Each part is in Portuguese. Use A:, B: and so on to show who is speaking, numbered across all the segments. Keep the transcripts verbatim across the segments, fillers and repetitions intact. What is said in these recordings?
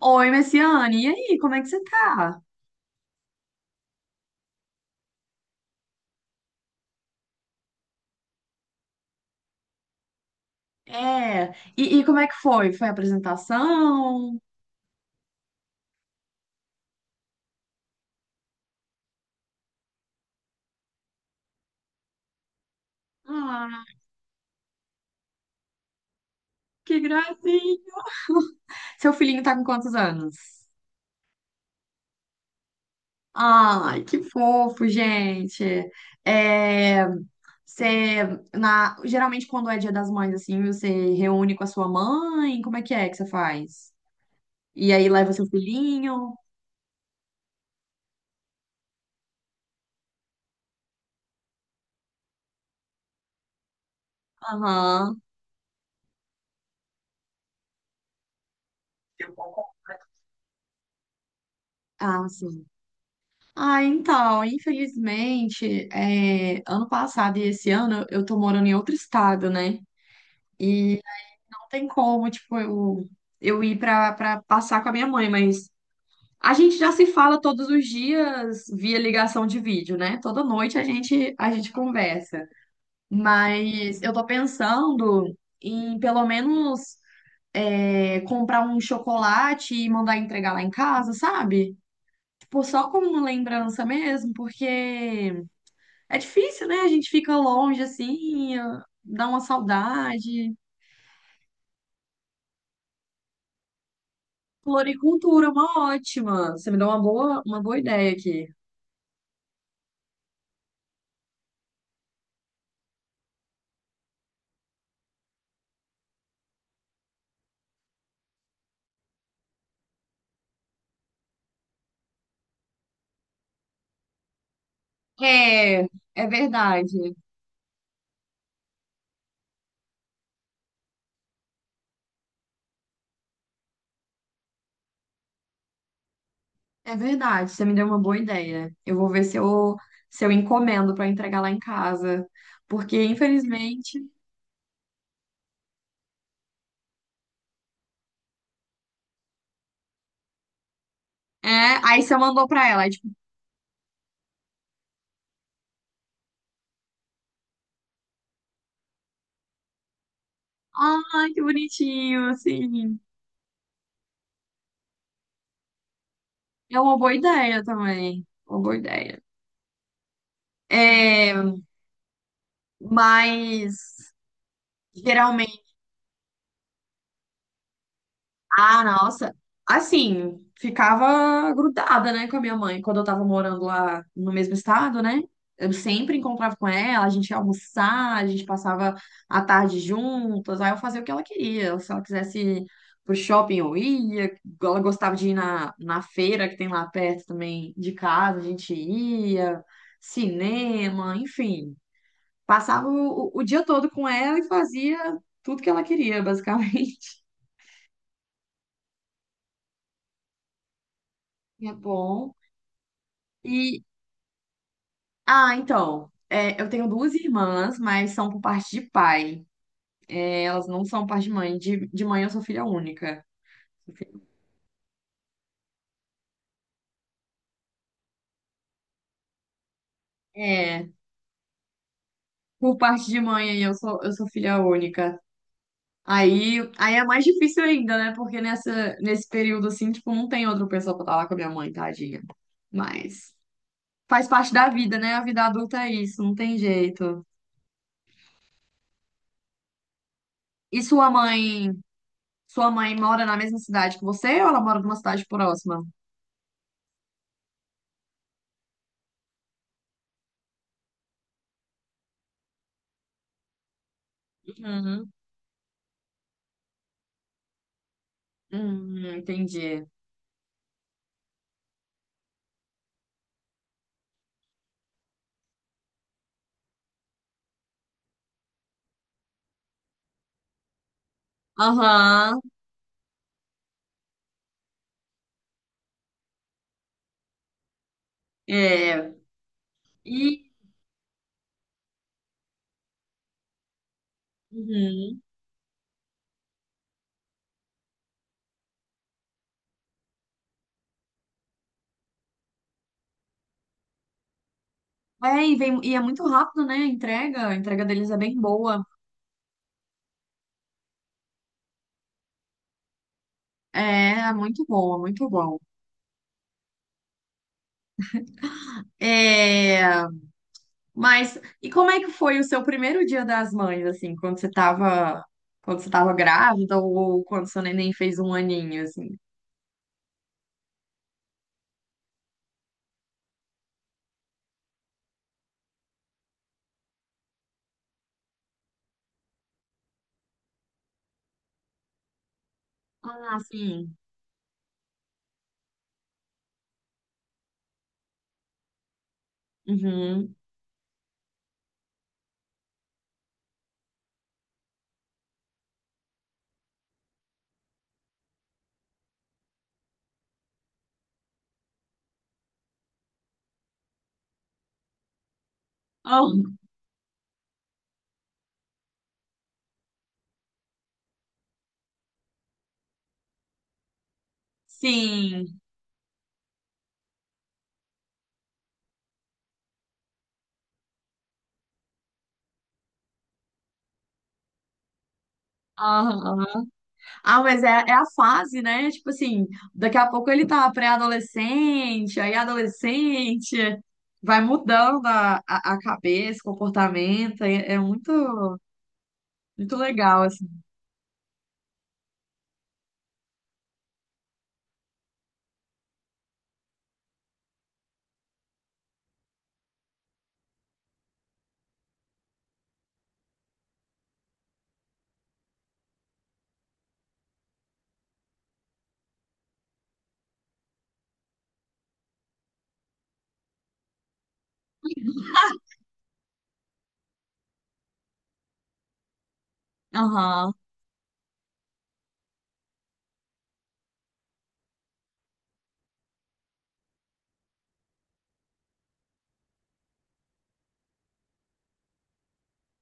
A: Oi, Messiane, e aí, como é que você tá? É, e, e como é que foi? Foi a apresentação? Ah, que gracinha! Seu filhinho tá com quantos anos? Ai, que fofo, gente! É, você, na, Geralmente quando é Dia das Mães, assim, você reúne com a sua mãe? Como é que é que você faz? E aí leva seu filhinho? Aham. Ah, sim. Ah, então, infelizmente, é, ano passado e esse ano eu tô morando em outro estado, né? E não tem como, tipo, eu, eu ir pra, pra passar com a minha mãe, mas a gente já se fala todos os dias via ligação de vídeo, né? Toda noite a gente, a gente conversa. Mas eu tô pensando em pelo menos é, comprar um chocolate e mandar entregar lá em casa, sabe? Tipo, só como lembrança mesmo, porque. É difícil, né? A gente fica longe assim, ah, dá uma saudade. Floricultura é uma ótima. Você me deu uma boa, uma boa ideia aqui. É, é verdade. É verdade, você me deu uma boa ideia. Eu vou ver se eu, se eu encomendo para entregar lá em casa. Porque, infelizmente, é, aí você mandou para ela, aí, tipo, ai, que bonitinho, assim. É uma boa ideia também. Uma boa ideia. É, mas geralmente. Ah, nossa. Assim, ficava grudada, né, com a minha mãe quando eu tava morando lá no mesmo estado, né? Eu sempre encontrava com ela, a gente ia almoçar, a gente passava a tarde juntas, aí eu fazia o que ela queria. Se ela quisesse ir pro shopping, eu ia. Ela gostava de ir na, na feira que tem lá perto também de casa, a gente ia, cinema, enfim. Passava o, o o dia todo com ela e fazia tudo que ela queria, basicamente. É bom. E, ah, então. É, eu tenho duas irmãs, mas são por parte de pai. É, elas não são por parte de mãe. De, de mãe eu sou filha única. Sou filha- É, por parte de mãe aí eu sou, eu sou filha única. Aí, aí é mais difícil ainda, né? Porque nessa, nesse período assim, tipo, não tem outra pessoa pra estar lá com a minha mãe, tadinha. Mas faz parte da vida, né? A vida adulta é isso, não tem jeito. E sua mãe, sua mãe mora na mesma cidade que você ou ela mora numa cidade próxima? Uhum. Hum, entendi. Aham, é. E, uhum. É, e, vem, e é muito rápido, né? A entrega, a entrega deles é bem boa. É, é muito boa, muito bom. É, mas, e como é que foi o seu primeiro dia das mães, assim, quando você tava, quando você tava grávida ou quando seu neném fez um aninho, assim? Ah, sim. Uhum. Oh, sim. Ah, mas é, é a fase, né? Tipo assim, daqui a pouco ele tá pré-adolescente, aí adolescente, vai mudando a, a, a cabeça, comportamento, é, é muito, muito legal, assim. Aham.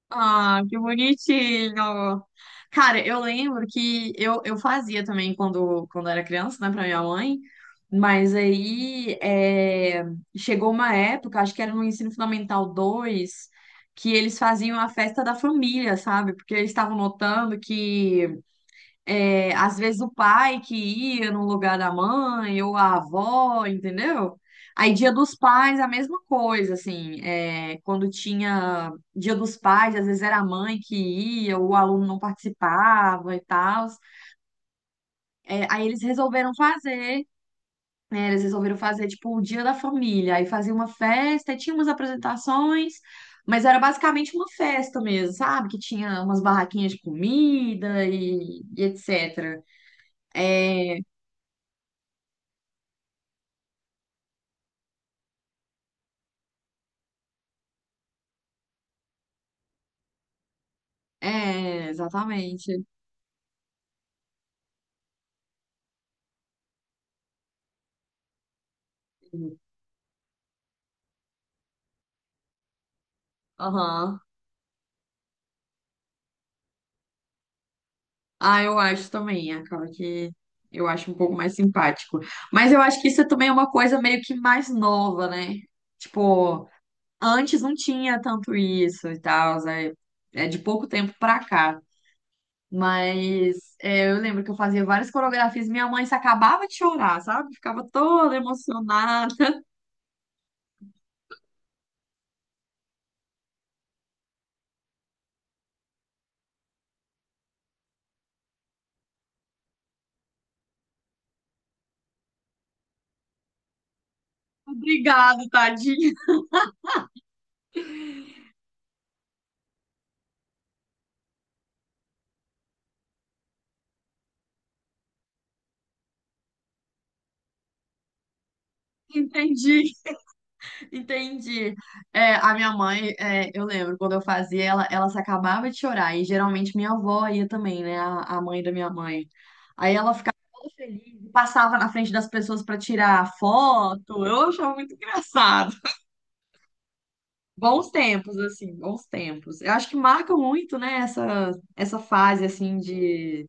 A: Ah, que bonitinho! Cara, eu lembro que eu, eu fazia também quando, quando era criança, né, pra minha mãe, mas aí é, chegou uma época, acho que era no Ensino Fundamental dois que eles faziam a festa da família, sabe? Porque eles estavam notando que é, às vezes o pai que ia no lugar da mãe, ou a avó, entendeu? Aí Dia dos Pais, a mesma coisa, assim, é, quando tinha Dia dos Pais, às vezes era a mãe que ia, ou o aluno não participava e tal. É, aí eles resolveram fazer, né, eles resolveram fazer, tipo, o Dia da Família, aí fazia uma festa, e tinha umas apresentações, mas era basicamente uma festa mesmo, sabe? Que tinha umas barraquinhas de comida e e etecetera. É, exatamente. Assim. Aham. Ah, eu acho também. Acaba que eu acho um pouco mais simpático. Mas eu acho que isso também é uma coisa meio que mais nova, né? Tipo, antes não tinha tanto isso e tal. É, é de pouco tempo pra cá. Mas é, eu lembro que eu fazia várias coreografias e minha mãe se acabava de chorar, sabe? Ficava toda emocionada. Obrigado, tadinha. Entendi. Entendi. É, a minha mãe, é, eu lembro, quando eu fazia, ela, ela se acabava de chorar. E geralmente minha avó ia também, né? A, a mãe da minha mãe. Aí ela ficava toda feliz, passava na frente das pessoas para tirar foto. Eu achava muito engraçado. Bons tempos, assim, bons tempos. Eu acho que marcam muito, né? Essa, essa fase, assim, de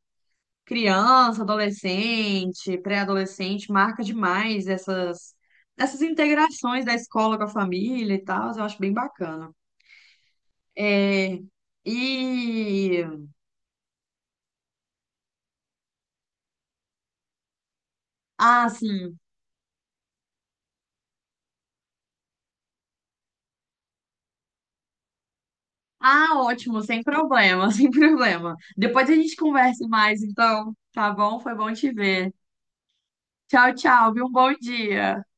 A: criança, adolescente, pré-adolescente, marca demais essas, essas integrações da escola com a família e tal, eu acho bem bacana. É, e. Ah, sim. Ah, ótimo, sem problema, sem problema. Depois a gente conversa mais, então, tá bom? Foi bom te ver. Tchau, tchau, viu? Um bom dia.